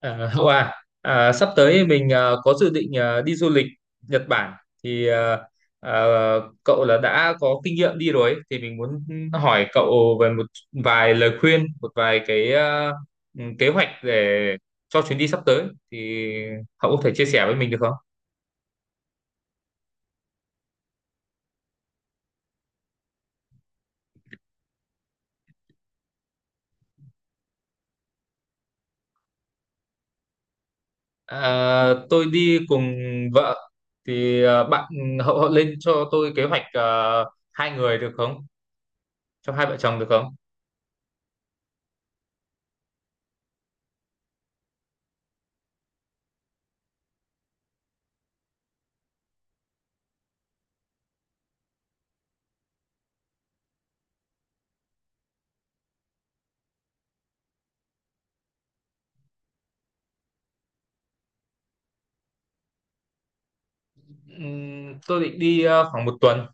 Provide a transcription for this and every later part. Hậu à, sắp tới mình có dự định đi du lịch Nhật Bản thì à, cậu là đã có kinh nghiệm đi rồi ấy. Thì mình muốn hỏi cậu về một vài lời khuyên, một vài cái kế hoạch để cho chuyến đi sắp tới thì hậu có thể chia sẻ với mình được không? À, tôi đi cùng vợ thì à, bạn Hậu Hậu lên cho tôi kế hoạch à, hai người được không? Cho hai vợ chồng được không? Tôi định đi à, khoảng một tuần.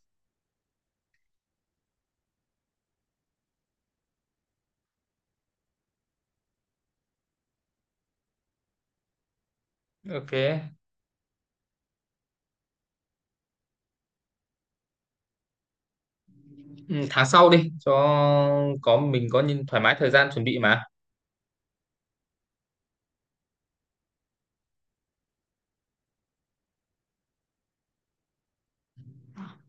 Ok. Ừ, tháng sau đi cho có mình có nhìn thoải mái thời gian chuẩn bị mà.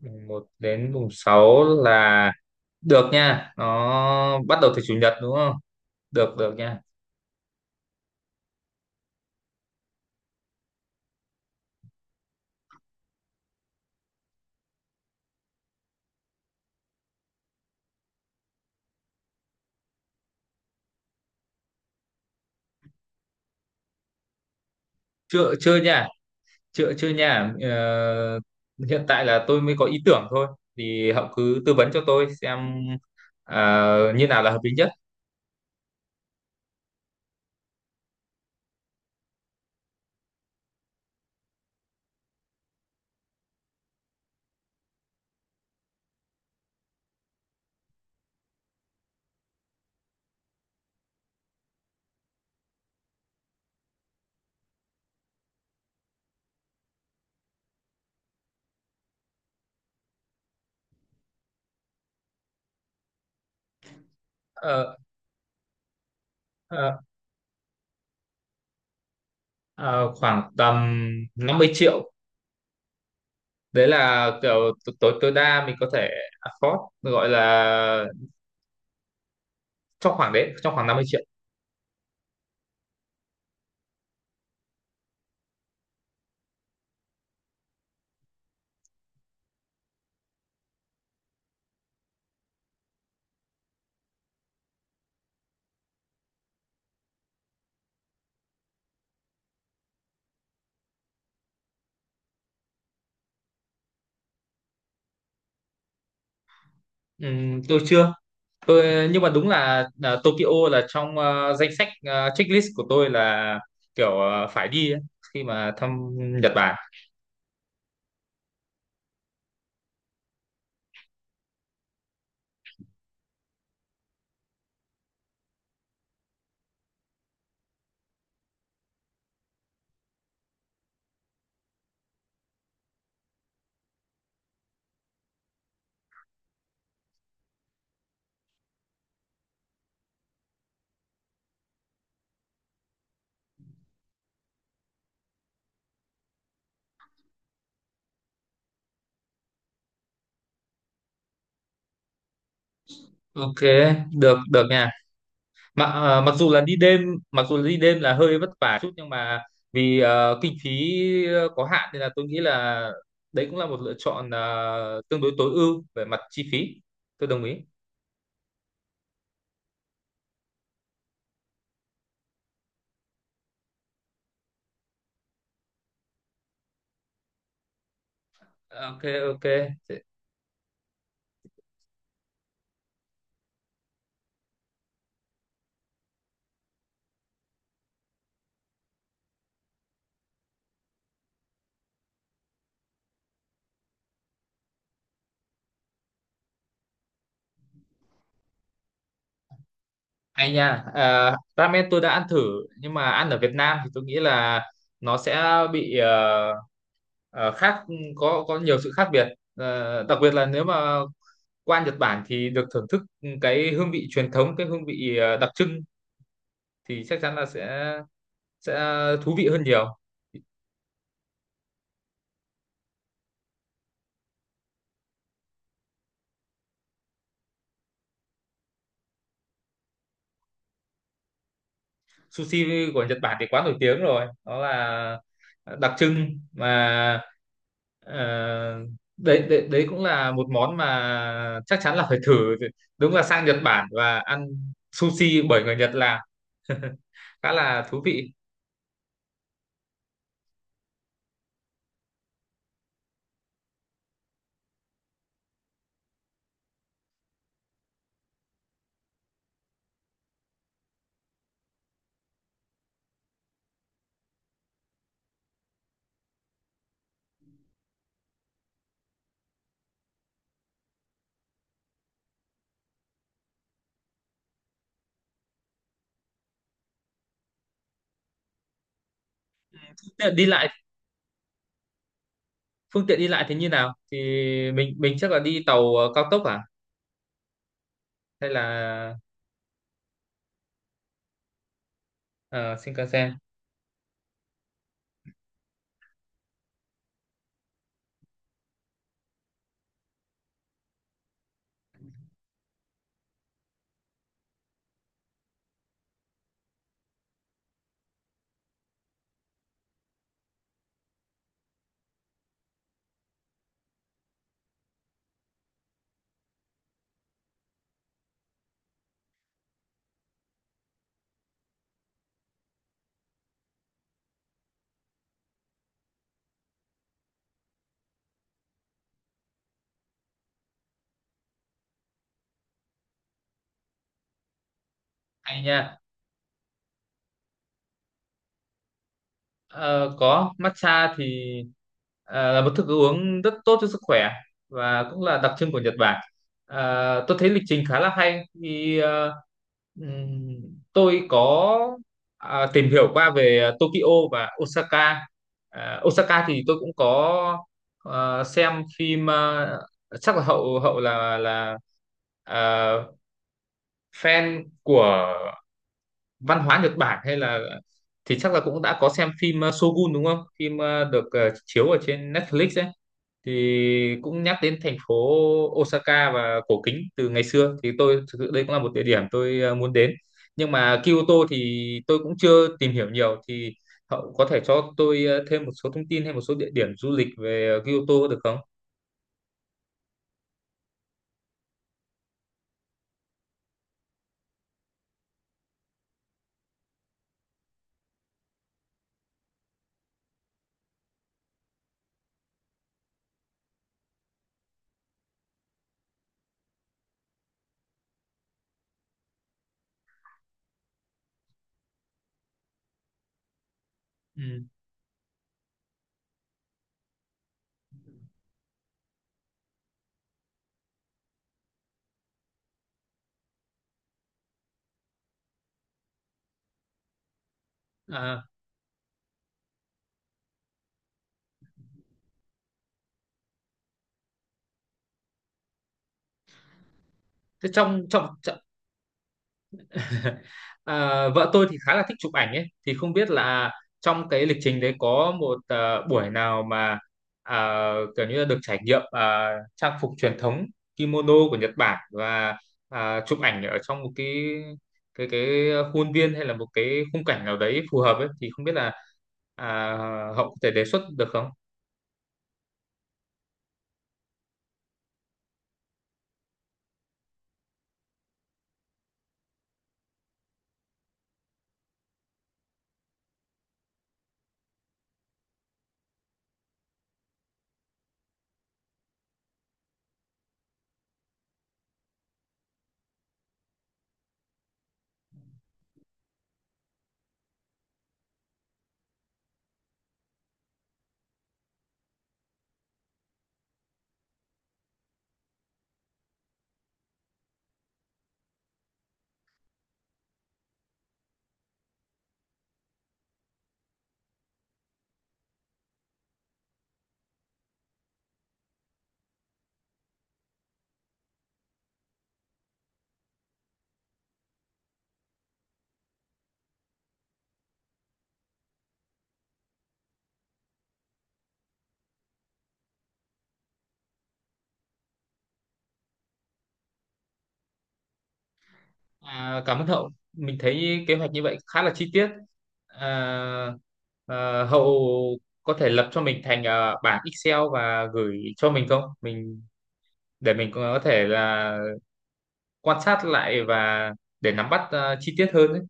Mùng 1 đến mùng 6 là được nha. Nó bắt đầu từ chủ nhật đúng không? Được được nha. Chưa chưa nha. Chưa chưa nha. Ờ, Hiện tại là tôi mới có ý tưởng thôi. Thì Hậu cứ tư vấn cho tôi xem như nào là hợp lý nhất. Ờ, ờ, ờ, Khoảng tầm 50 triệu. Đấy là kiểu t- tối tối đa mình có thể afford gọi là trong khoảng 50 triệu. Tôi chưa tôi nhưng mà đúng là Tokyo là trong danh sách checklist của tôi là kiểu phải đi ấy, khi mà thăm Nhật Bản. Ok, được được nha. Mà mặc dù là đi đêm, mặc dù là đi đêm là hơi vất vả chút, nhưng mà vì kinh phí có hạn nên là tôi nghĩ là đấy cũng là một lựa chọn tương đối tối ưu về mặt chi phí. Tôi đồng ý. Ok, ok. Hay nha, à, ramen tôi đã ăn thử nhưng mà ăn ở Việt Nam thì tôi nghĩ là nó sẽ bị khác, có nhiều sự khác biệt. Ờ, đặc biệt là nếu mà qua Nhật Bản thì được thưởng thức cái hương vị truyền thống, cái hương vị đặc trưng thì chắc chắn là sẽ thú vị hơn nhiều. Sushi của Nhật Bản thì quá nổi tiếng rồi đó, là đặc trưng mà. Ờ, đấy, đấy đấy cũng là một món mà chắc chắn là phải thử, đúng là sang Nhật Bản và ăn sushi bởi người Nhật làm khá là thú vị. Thế đi lại Phương tiện đi lại thì như nào thì mình chắc là đi tàu cao tốc à hay là ờ, Shinkansen? Hay nha. Ờ, có matcha thì là một thức uống rất tốt cho sức khỏe và cũng là đặc trưng của Nhật Bản. Ờ, tôi thấy lịch trình khá là hay. Khi tôi có tìm hiểu qua về Tokyo và Osaka. À, Osaka thì tôi cũng có xem phim, chắc là hậu hậu là ờ, fan của văn hóa Nhật Bản hay là thì chắc là cũng đã có xem phim Shogun đúng không? Phim được chiếu ở trên Netflix ấy, thì cũng nhắc đến thành phố Osaka và cổ kính từ ngày xưa, thì tôi thực sự đây cũng là một địa điểm tôi muốn đến. Nhưng mà Kyoto thì tôi cũng chưa tìm hiểu nhiều, thì cậu có thể cho tôi thêm một số thông tin hay một số địa điểm du lịch về Kyoto được không? Ừ. À, thế trong trong Ờ, vợ tôi thì khá là thích chụp ảnh ấy, thì không biết là trong cái lịch trình đấy có một buổi nào mà kiểu như là được trải nghiệm trang phục truyền thống kimono của Nhật Bản và chụp ảnh ở trong một cái khuôn viên hay là một cái khung cảnh nào đấy phù hợp ấy, thì không biết là à, Hậu có thể đề xuất được không? À, cảm ơn Hậu. Mình thấy kế hoạch như vậy khá là chi tiết. À, Hậu có thể lập cho mình thành à, bảng Excel và gửi cho mình không? Mình để mình có thể là quan sát lại và để nắm bắt à, chi tiết hơn ấy.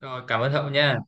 Rồi, cảm ơn Hậu nha.